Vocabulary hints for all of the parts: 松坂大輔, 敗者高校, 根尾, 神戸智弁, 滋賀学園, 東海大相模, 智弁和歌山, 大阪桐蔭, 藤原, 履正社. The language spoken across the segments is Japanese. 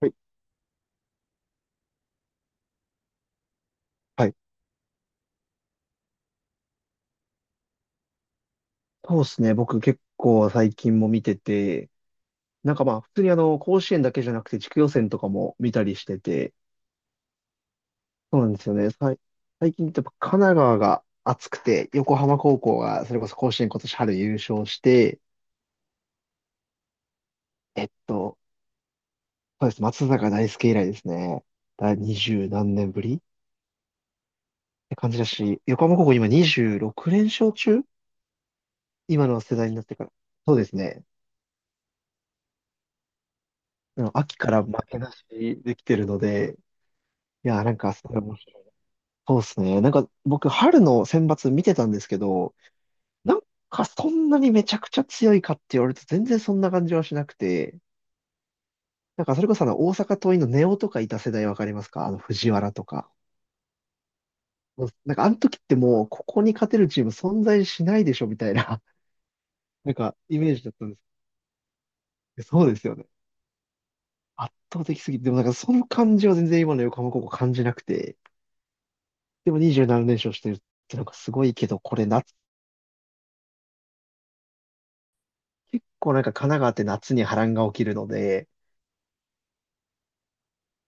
はい。はい。そうですね。僕結構最近も見てて、なんかまあ普通にあの甲子園だけじゃなくて地区予選とかも見たりしてて、そうなんですよね。最近ってやっぱ神奈川が熱くて、横浜高校がそれこそ甲子園今年春優勝して、えっと、そうです。松坂大輔以来ですね。二十何年ぶりって感じだし、横浜高校今26連勝中、今の世代になってから。そうですね。あの秋から負けなしできてるので、いや、なんかそれもそうですね。なんか僕、春の選抜見てたんですけど、なんかそんなにめちゃくちゃ強いかって言われると全然そんな感じはしなくて、なんかそれこそあの大阪桐蔭の根尾とかいた世代わかりますか？あの藤原とか。もうなんかあの時ってもうここに勝てるチーム存在しないでしょみたいな、なんかイメージだったんですけど。そうですよね。圧倒的すぎて、でもなんかその感じは全然今の横浜高校感じなくて、でも27連勝してるってなんかすごいけど、これ夏、結構なんか神奈川って夏に波乱が起きるので、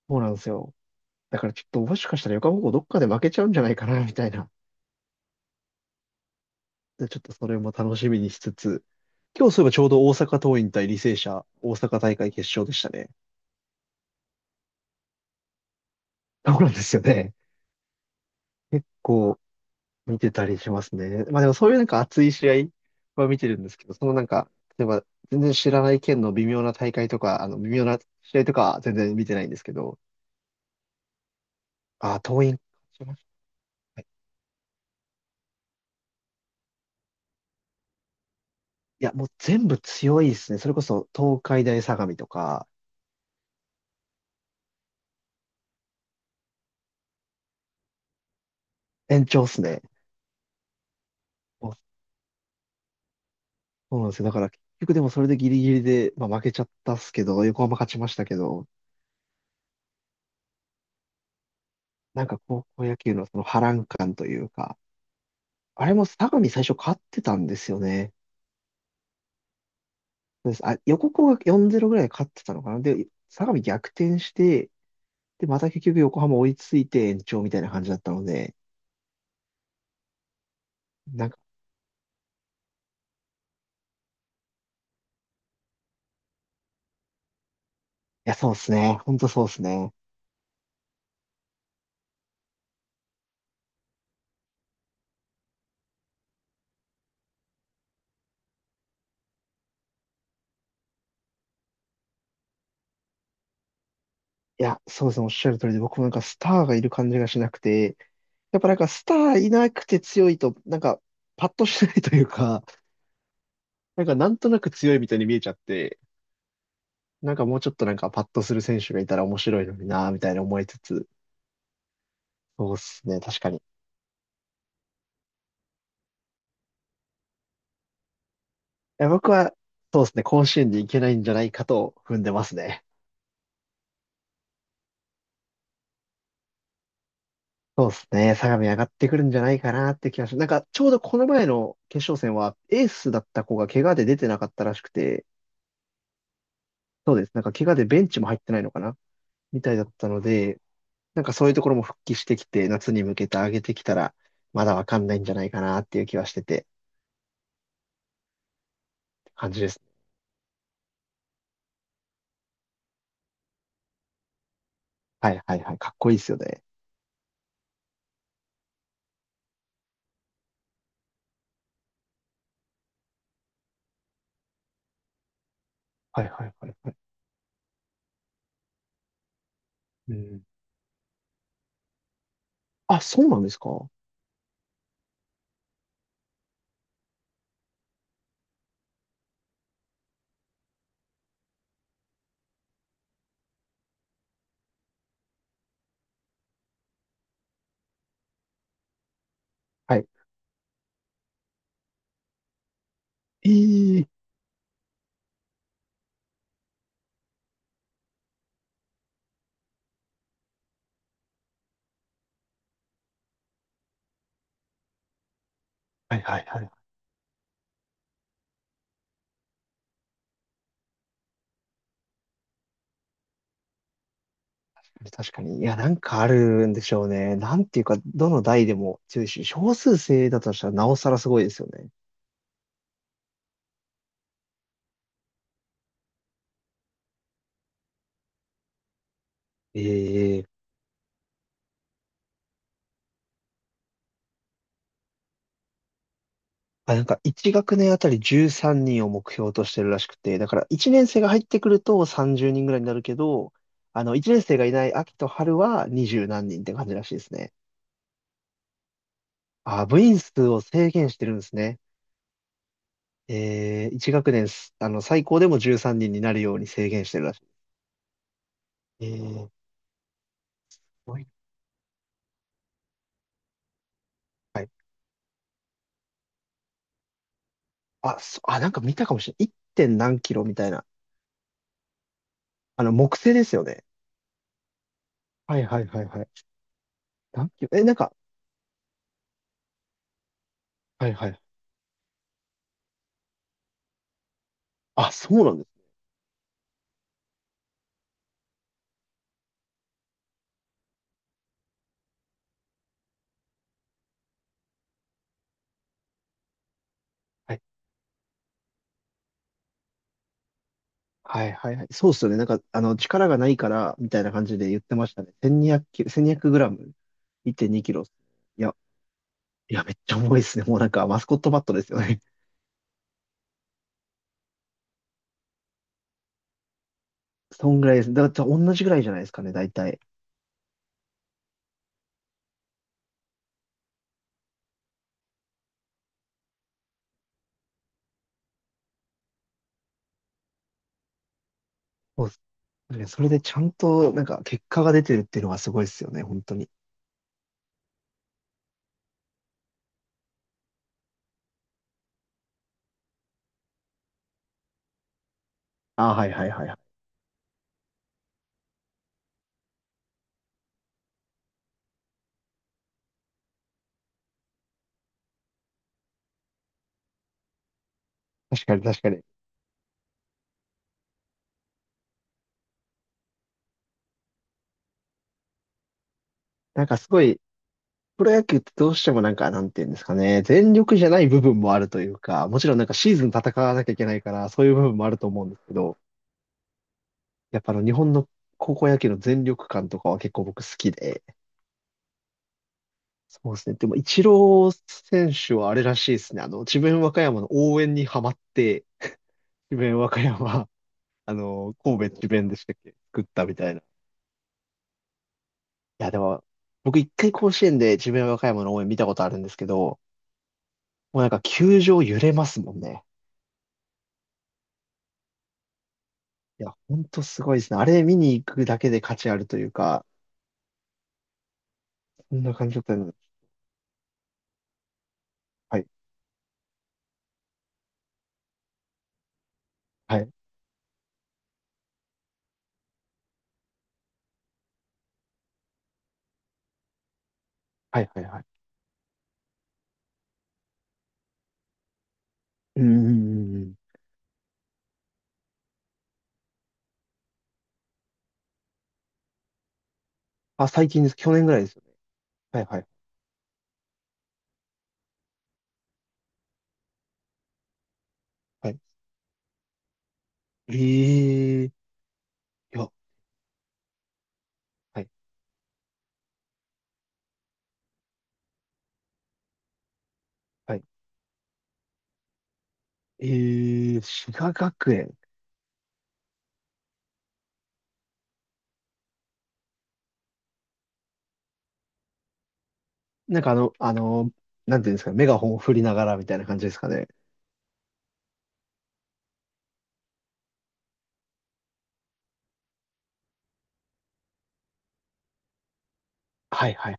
そうなんですよ。だからちょっともしかしたら横浜高校どっかで負けちゃうんじゃないかな、みたいな。で、ちょっとそれも楽しみにしつつ、今日そういえばちょうど大阪桐蔭対履正社、大阪大会決勝でしたね。そうなんですよね。結構見てたりしますね。まあでもそういうなんか熱い試合は見てるんですけど、そのなんか、例えば全然知らない県の微妙な大会とか、あの微妙な試合とかは全然見てないんですけど、ああ、桐蔭勝ちましたね。いや、もう全部強いですね。それこそ東海大相模とか、延長っすね。そうなんですよ。だから結局でもそれでギリギリで、まあ、負けちゃったっすけど、横浜勝ちましたけど、なんか高校野球のその波乱感というか、あれも相模最初勝ってたんですよね。そうです。あ、横浜が4-0ぐらいで勝ってたのかな。で、相模逆転して、で、また結局横浜追いついて延長みたいな感じだったので、なんか、いや、そうですね。本当そうですね。いや、そうですね。おっしゃる通りで、僕もなんかスターがいる感じがしなくて、やっぱなんかスターいなくて強いと、なんか、パッとしないというか、なんかなんとなく強いみたいに見えちゃって、なんかもうちょっとなんかパッとする選手がいたら面白いのになぁみたいな思いつつ、そうっすね、確かに。いや、僕は、そうっすね、甲子園に行けないんじゃないかと踏んでますね。そうっすね、相模上がってくるんじゃないかなって気がします。なんかちょうどこの前の決勝戦はエースだった子が怪我で出てなかったらしくて、そうです、なんか怪我でベンチも入ってないのかなみたいだったので、なんかそういうところも復帰してきて、夏に向けて上げてきたら、まだわかんないんじゃないかなっていう気はしてて、感じですね。はいはいはい。かっこいいですよね。はいはいはいはい。うん。あ、そうなんですか？はい。ええ、はいはいはい。確かに。いや、なんかあるんでしょうね。なんていうか、どの代でも強いし、少数制だとしたらなおさらすごいですよね。ええ、あ、なんか1学年あたり13人を目標としてるらしくて、だから1年生が入ってくると30人ぐらいになるけど、あの、1年生がいない秋と春は20何人って感じらしいですね。あ、部員数を制限してるんですね。1学年あの、最高でも13人になるように制限してるらしい。すごい。はい。あ、あ、なんか見たかもしれない。1. 点何キロみたいな。あの、木製ですよね。はいはいはいはい。何キロ？え、なんか、はいはい。あ、そうなんです。はいはいはいはい。そうっすよね。なんか、あの、力がないから、みたいな感じで言ってましたね。1200キロ、1 2 0グラム、1.2キロ。いや、いや、めっちゃ重いですね。もうなんか、マスコットバットですよね。そんぐらいです。だから、同じぐらいじゃないですかね、大体。そうね、それでちゃんと、なんか、結果が出てるっていうのがすごいですよね、本当に。ああ、はいはいはいはい。確かに、確かに。なんかすごい、プロ野球ってどうしてもなんか、なんていうんですかね、全力じゃない部分もあるというか、もちろんなんかシーズン戦わなきゃいけないから、そういう部分もあると思うんですけど、やっぱあの日本の高校野球の全力感とかは結構僕好きで、そうですね。でも、イチロー選手はあれらしいですね。あの、智弁和歌山の応援にハマって、智弁和歌山、あの、神戸智弁でしたっけ作ったみたいな。いや、でも、僕一回甲子園で智弁和歌山の応援見たことあるんですけど、もうなんか球場揺れますもんね。いや、ほんとすごいですね。あれ見に行くだけで価値あるというか、そんな感じだったの。はい、はい、はい、はい、はい。うん、うん、うんうん。あ、最近です。去年ぐらいですよね。はい、はい、はい。ええ、いや、はい、はい。ええ、滋賀学園。なんかあの、なんていうんですかね、メガホンを振りながらみたいな感じですかね。はい、はい。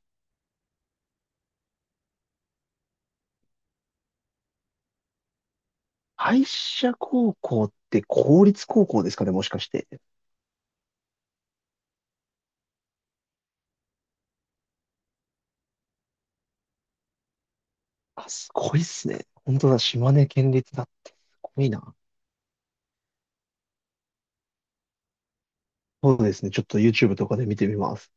敗者高校って公立高校ですかね、もしかして。あ、すごいっすね。本当だ、島根県立だって。すごいな。そうですね。ちょっと YouTube とかで見てみます。